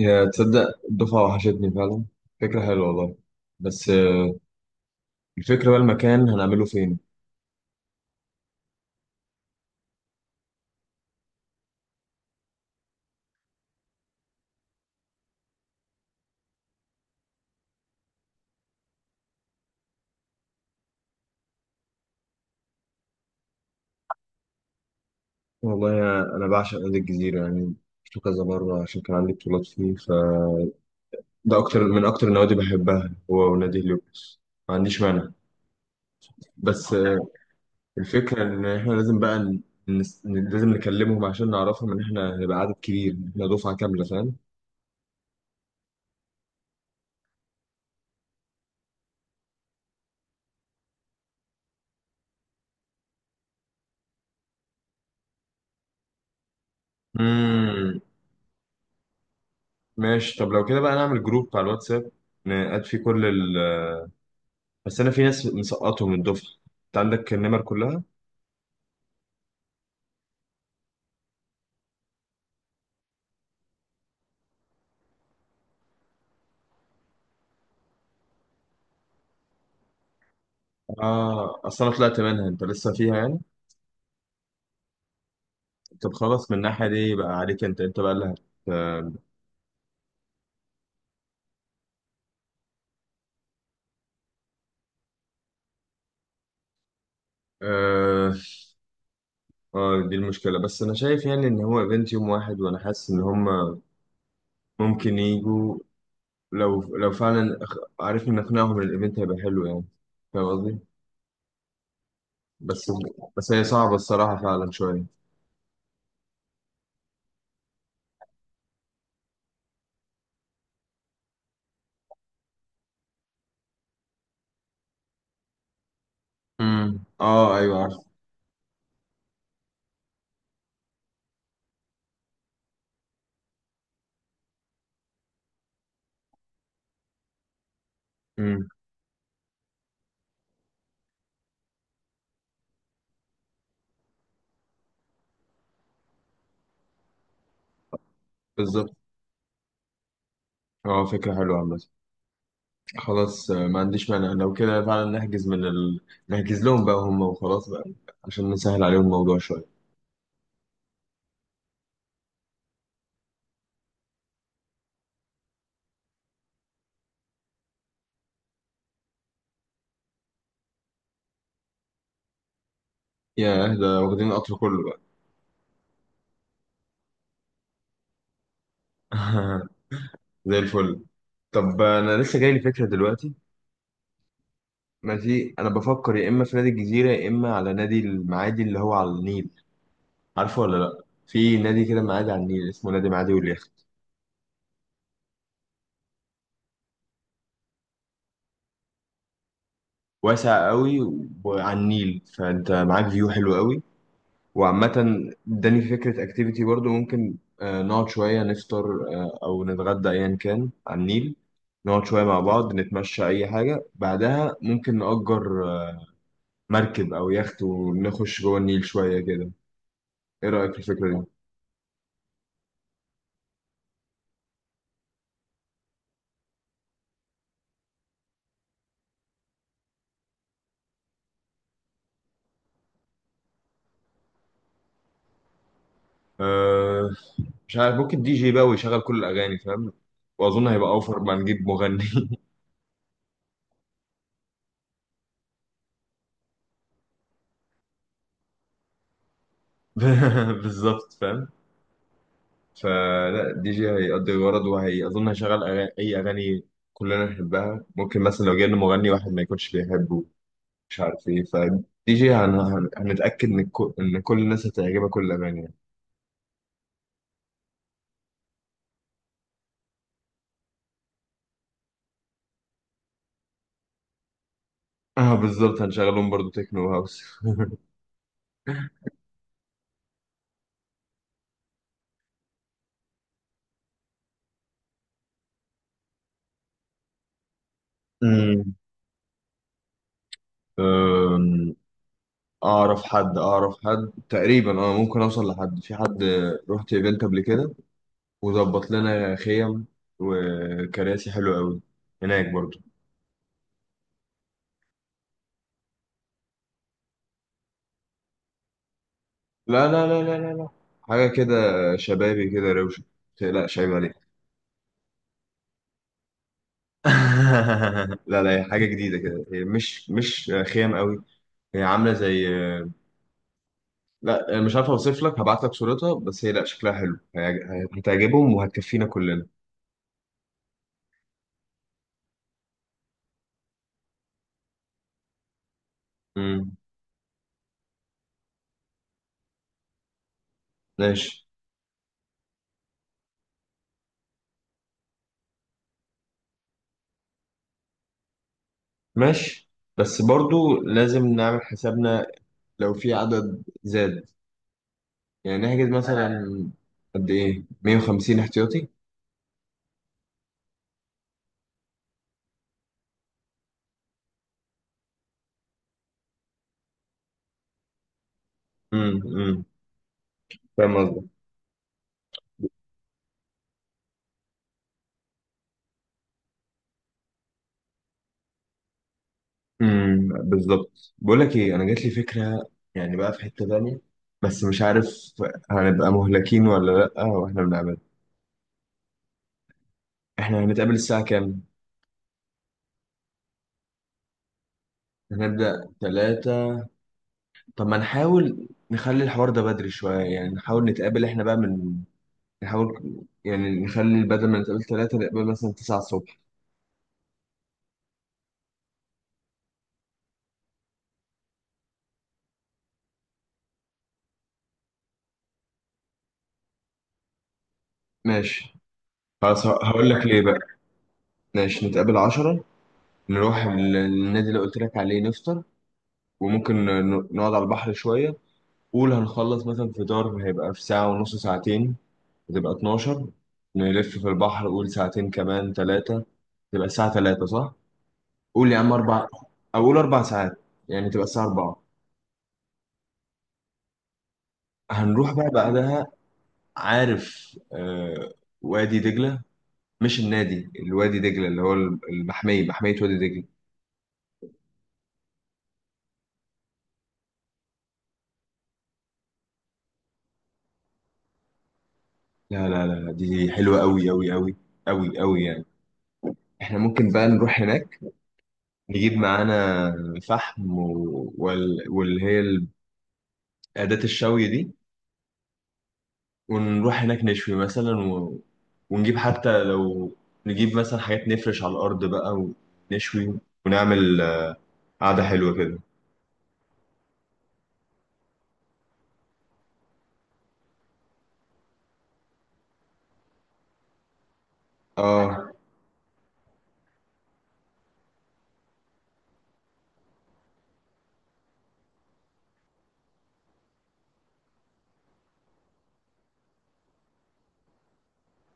يا تصدق الدفعة وحشتني فعلا. فكرة حلوة والله. بس الفكرة بقى المكان هنعمله فين؟ والله أنا بعشق نادي الجزيرة يعني، شفته كذا مرة عشان كان عندي بطولات فيه، فده أكتر من أكتر النوادي بحبها، هو ونادي هليوبوليس. ما عنديش مانع، بس الفكرة إن إحنا لازم بقى لازم نكلمهم عشان نعرفهم إن إحنا هنبقى عدد كبير، إحنا دفعة كاملة، فاهم. مم. ماشي، طب لو كده بقى نعمل جروب على الواتساب نقعد فيه كل. بس انا في ناس مسقطهم من الدفعه، انت عندك النمر كلها. اه، اصل انا طلعت منها، انت لسه فيها يعني. طب خلاص، من الناحيه دي بقى عليك انت، انت بقى لها. آه، آه دي المشكلة، بس أنا شايف يعني إن هو إيفنت يوم واحد وأنا حاسس إن هم ممكن يجوا، لو فعلا عرفنا نقنعهم إن الإيفنت هيبقى حلو يعني. فاهم قصدي؟ بس هي صعبة الصراحة فعلا شوية. آه أيوه عارف. امم بالظبط. آه فكرة حلوة عامة. خلاص ما عنديش مانع، لو كده فعلا نحجز من نحجز لهم بقى هم وخلاص بقى، عشان نسهل عليهم الموضوع شوية. ياه، ده واخدين القطر كله بقى! زي الفل. طب انا لسه جاي لي فكرة دلوقتي. ماشي، انا بفكر يا اما في نادي الجزيرة يا اما على نادي المعادي اللي هو على النيل. عارفه ولا لا؟ في نادي كده معادي على النيل اسمه نادي معادي واليخت. واسع قوي، وعلى النيل فانت معاك فيو حلو قوي. وعامة اداني فكرة اكتيفيتي برضو، ممكن نقعد شوية نفطر، أو نتغدى أيا كان على النيل، نقعد شوية مع بعض نتمشى أي حاجة، بعدها ممكن نأجر مركب أو يخت ونخش جوه النيل شوية كده. إيه رأيك في الفكرة دي؟ أه، مش عارف، ممكن دي جي بقى ويشغل كل الأغاني، فاهم؟ وأظن هيبقى أوفر ما نجيب مغني. بالظبط، فاهم؟ فلا، الدي جي هيقضي الغرض، وهي أظن هيشغل أغاني أي أغاني كلنا نحبها. ممكن مثلا لو جبنا مغني واحد ما يكونش بيحبه، مش عارف إيه، فالدي جي هنتأكد إن إن كل الناس هتعجبها كل الأغاني يعني. اه بالظبط، هنشغلهم برضو تكنو هاوس. أمم. أم، أعرف حد، تقريبا أه ممكن أوصل لحد، في حد رحت إيفنت قبل كده وظبط لنا خيم وكراسي حلوة أوي هناك برضو. لا لا لا لا لا لا، حاجة كده شبابي كده روشة، متقلقش عيب عليك. لا لا، هي حاجة جديدة كده، هي مش خيام قوي، هي عاملة زي، لا أنا مش عارف أوصف لك، هبعت لك صورتها، بس هي لا شكلها حلو، هتعجبهم وهتكفينا كلنا. امم. ماشي، ماشي بس برضو لازم نعمل حسابنا لو في عدد زاد، يعني نحجز مثلا قد إيه 150 احتياطي. امم امم فاهم. بالظبط. بقول لك ايه، انا جات لي فكره، يعني بقى في حته تانية، بس مش عارف هنبقى مهلكين ولا لا واحنا بنعمل. احنا هنتقابل الساعه كام؟ هنبدا ثلاثة. طب ما نحاول نخلي الحوار ده بدري شويه، يعني نحاول نتقابل احنا بقى من، نحاول يعني نخلي بدل ما نتقابل ثلاثة نتقابل مثلا 9 الصبح. ماشي، خلاص، هقول لك ليه بقى. ماشي نتقابل 10، نروح النادي اللي قلت لك عليه نفطر، وممكن نقعد على البحر شويه. قول هنخلص مثلا فطار هيبقى في ساعة ونص ساعتين، هتبقى 12. نلف في البحر قول ساعتين كمان ثلاثة، تبقى الساعة 3 صح؟ قول يا عم أربع، أو قول أربع ساعات، يعني تبقى الساعة 4. هنروح بقى بعدها. عارف آه، وادي دجلة، مش النادي الوادي دجلة، اللي هو المحمية، محمية وادي دجلة. لا لا لا، دي حلوة أوي أوي أوي، أوي أوي يعني. احنا ممكن بقى نروح هناك، نجيب معانا فحم واللي هي أداة الشوي دي، ونروح هناك نشوي مثلا ونجيب حتى لو، نجيب مثلا حاجات نفرش على الأرض بقى، ونشوي، ونعمل قعدة حلوة كده. اه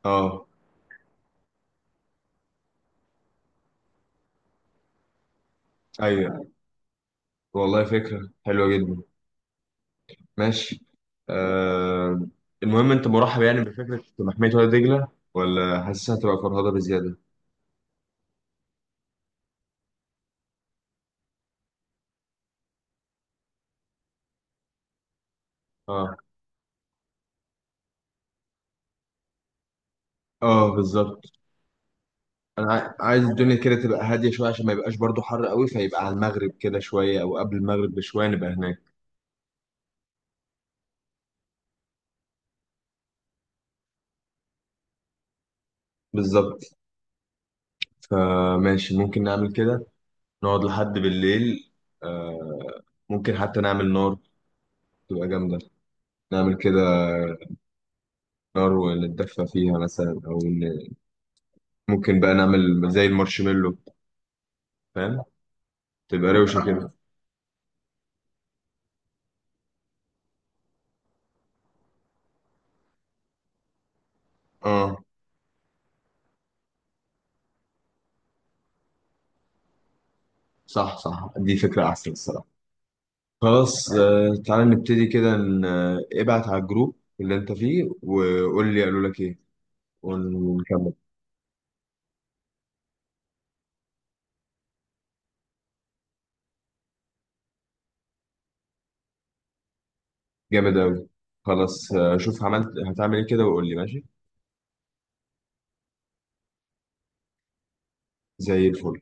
اه ايوه والله فكرة حلوة جدا. ماشي، آه، المهم انت مرحب يعني بفكرة محمية وادي دجلة، ولا حاسسها هتبقى فرهضة بزيادة؟ اه، اه بالظبط. انا عايز الدنيا كده تبقى هادية شوية عشان ما يبقاش برضو حر قوي، فيبقى على المغرب كده شوية او قبل المغرب بشوية نبقى هناك. بالظبط، فماشي ممكن نعمل كده، نقعد لحد بالليل. آه، ممكن حتى نعمل نار تبقى جامدة، نعمل كده نار ونتدفى فيها مثلا، ممكن بقى نعمل زي المارشميلو، فاهم، تبقى روشة كده. اه صح صح، دي فكرة أحسن الصراحة. خلاص آه، تعالى نبتدي كده ابعت على الجروب اللي أنت فيه وقول لي قالوا لك إيه، ونكمل. جامد أوي. خلاص آه، شوف عملت، هتعمل إيه كده وقول لي. ماشي زي الفل.